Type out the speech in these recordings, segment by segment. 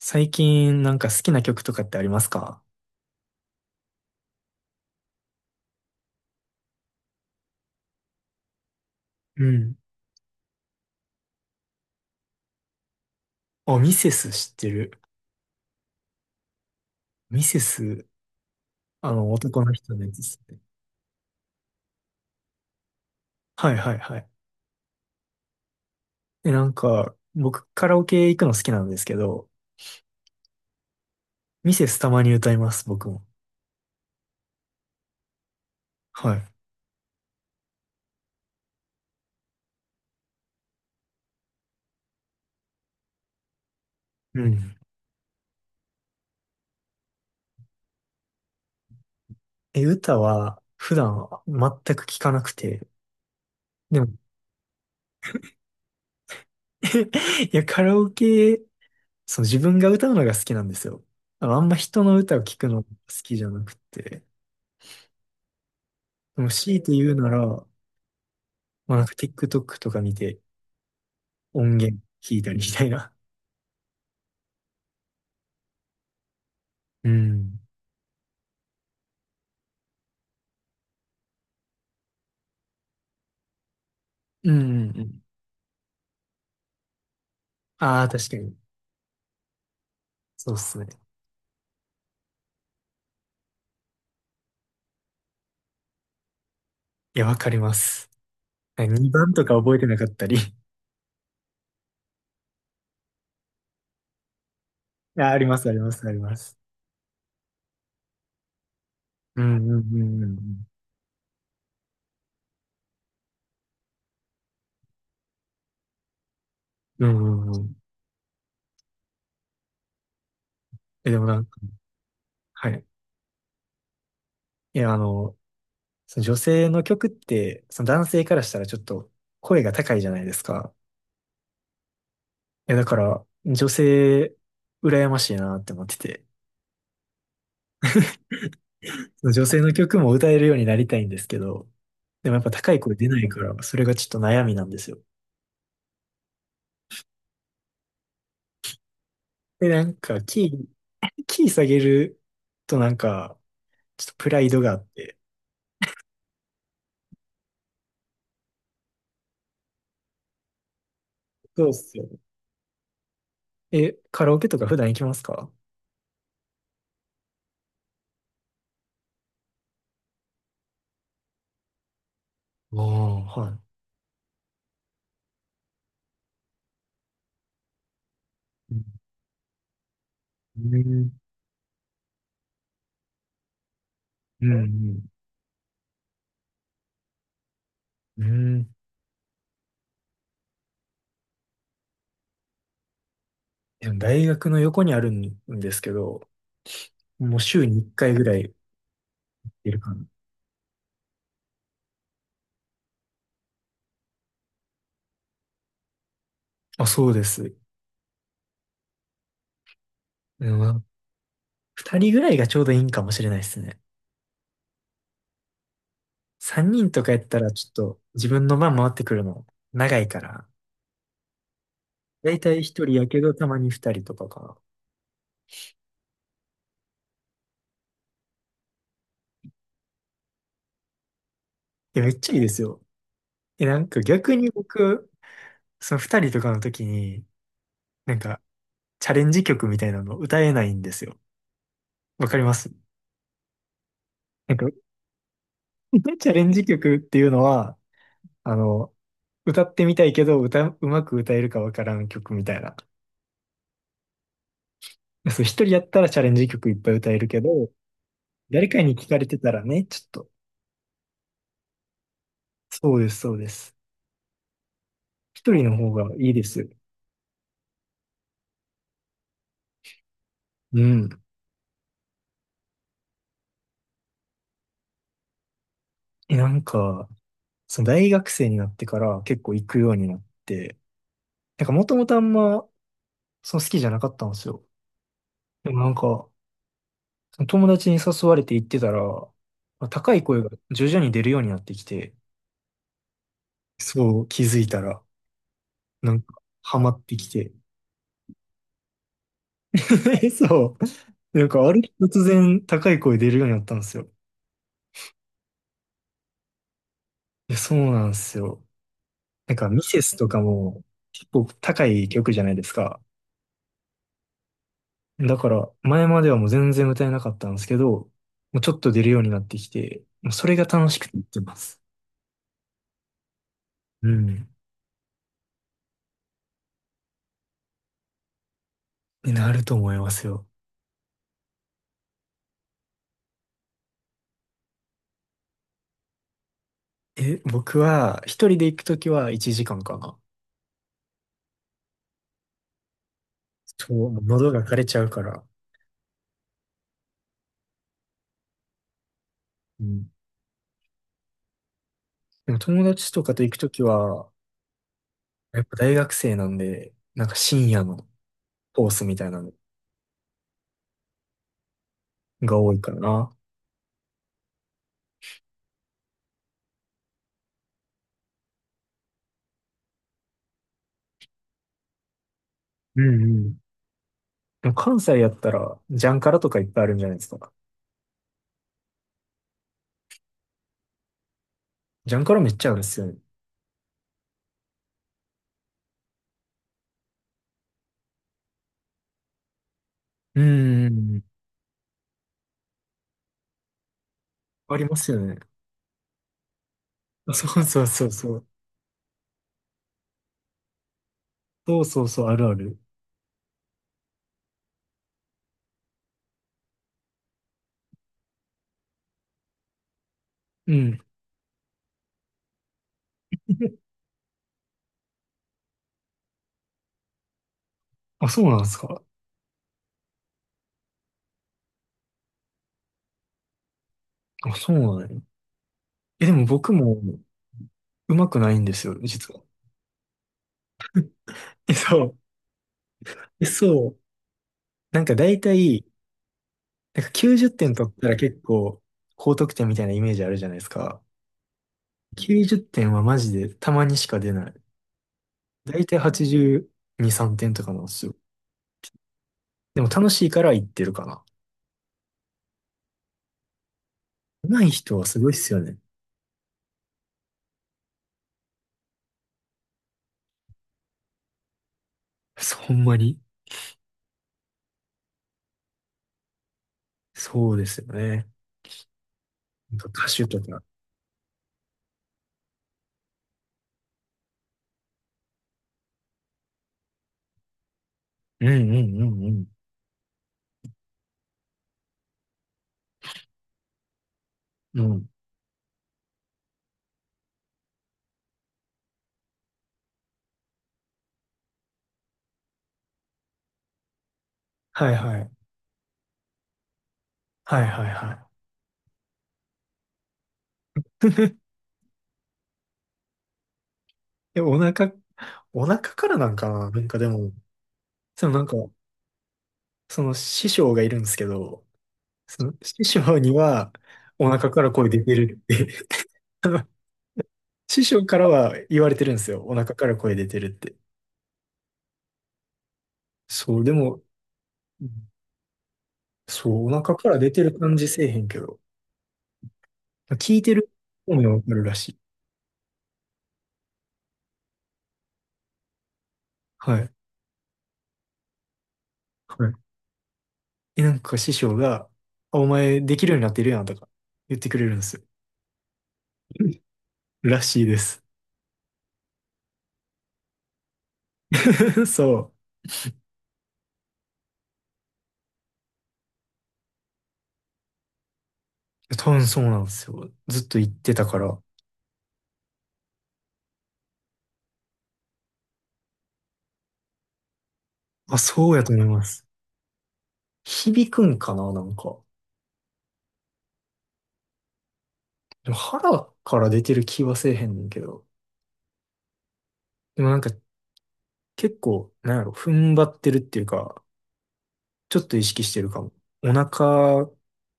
最近なんか好きな曲とかってありますか？うん。あ、ミセス知ってる。ミセス、男の人のやつですね。はいはいはい。で、なんか、僕カラオケ行くの好きなんですけど、ミセスたまに歌います、僕も。はい。うん。え、歌は普段全く聞かなくて、でも いや、カラオケ、そう、自分が歌うのが好きなんですよ。あんま人の歌を聞くの好きじゃなくて、でも強いて言うなら、まあ、なんか TikTok とか見て、音源聞いたりみたいな。うん。うん、うんうん。ああ、確かに。そうっすね。いや、わかります。2番とか覚えてなかったり。いや、あります、あります、あります。うん、うん、うん、うん。うんうんうん。え、でもなんか、はい。いや、あの、その女性の曲って、その男性からしたらちょっと声が高いじゃないですか。いや、だから、女性、羨ましいなって思ってて。その女性の曲も歌えるようになりたいんですけど、でもやっぱ高い声出ないから、それがちょっと悩みなんですよ。で、なんか、キー下げるとなんか、ちょっとプライドがあって。そうっすよね。え、カラオケとか普段行きますか？ああ、はい。うん、うん、うん。うん。でも大学の横にあるんですけど、もう週に1回ぐらいいるかな。あ、そうです。うん。2人ぐらいがちょうどいいんかもしれないですね。3人とかやったらちょっと自分の番回ってくるの長いから。だいたい1人やけどたまに2人とかかな。いや、めっちゃいいですよ。え、なんか逆に僕、その二人とかの時に、なんかチャレンジ曲みたいなの歌えないんですよ。わかります？なんか、チャレンジ曲っていうのは、あの、歌ってみたいけど、歌、うまく歌えるかわからん曲みたいな。そう、一人やったらチャレンジ曲いっぱい歌えるけど、誰かに聞かれてたらね、ちょっと。そうです、そうです。一人の方がいいです。うん。え、なんか、その大学生になってから結構行くようになって、なんかもともとあんま、その好きじゃなかったんですよ。でもなんか、その友達に誘われて行ってたら、まあ高い声が徐々に出るようになってきて、そう気づいたら、なんか、ハマってきて。そう。なんか、ある日突然高い声出るようになったんですよ。いや、そうなんですよ。なんか、ミセスとかも結構高い曲じゃないですか。だから、前まではもう全然歌えなかったんですけど、もうちょっと出るようになってきて、もうそれが楽しくて言ってます。うん。になると思いますよ。え、僕は、一人で行くときは1時間かんかな。そう、もう喉が枯れちゃうから。うん。でも友達とかと行くときは、やっぱ大学生なんで、なんか深夜のコースみたいなのが多いからな。うんうん。でも関西やったら、ジャンカラとかいっぱいあるんじゃないですか。ジャンカラめっちゃあるっすよね。うんうんうん。ありますよね。あそうそうそうそう。そうそうそう、あるある。うん。あ、そうなんですか。あ、そうなんや。え、でも僕もうまくないんですよ、実は。えそう。そう。なんか大体、なんか90点取ったら結構高得点みたいなイメージあるじゃないですか。90点はマジでたまにしか出ない。大体82、3点とかなんですよ。でも楽しいから言ってるかな。上手い人はすごいっすよね。そう、ほんまに。そうですよね。なんか歌手とか。うんうんうんうん。うん。はいはい。はいはいはい。え、お腹からなんかななんかでも、でもなんか、その師匠がいるんですけど、その師匠にはお腹から声出てるって あの師匠からは言われてるんですよ。お腹から声出てるって。そう、でも、うん。そう、お腹から出てる感じせえへんけど、聞いてる方がわかるらしい。はい。はい。え、なんか師匠が、あ、お前できるようになってるやんとか言ってくれるんですよ。らしいです。そう。多分そうなんですよ。ずっと言ってたから。あ、そうやと思います。響くんかな、なんか。でも腹から出てる気はせえへんねんけど。でもなんか結構、なんやろ、踏ん張ってるっていうか、ちょっと意識してるかも。お腹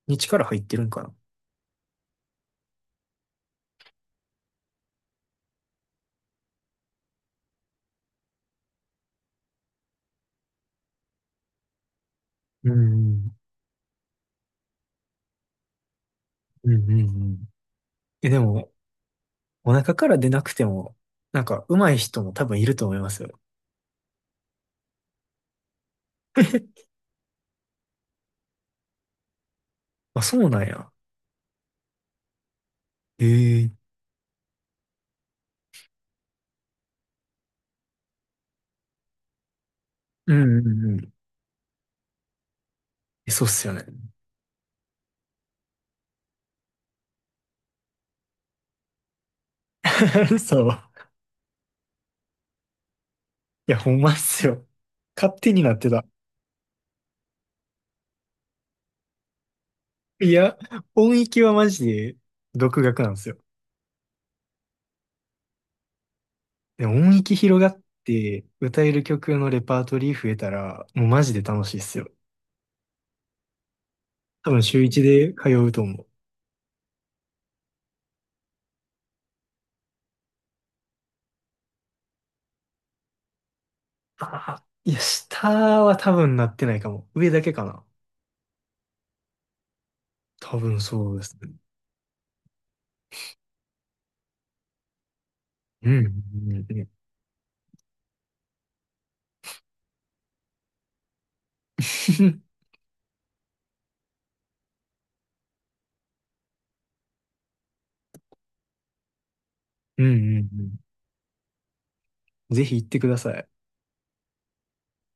に力入ってるんかな。うん、うん、うん、うん。え、でも、お腹から出なくても、なんか上手い人も多分いると思いますよ。あ、そうなんや。ええ。うんうんうん。え、そうっすよね。そう。いや、ほんまっすよ。勝手になってた。いや、音域はマジで独学なんですよ。でも音域広がって歌える曲のレパートリー増えたら、もうマジで楽しいっすよ。多分週一で通うと思う。ああ、いや、下は多分なってないかも。上だけかな。多分そうですね。うん、うん、うん。うん、うんうん。ぜひ行ってください。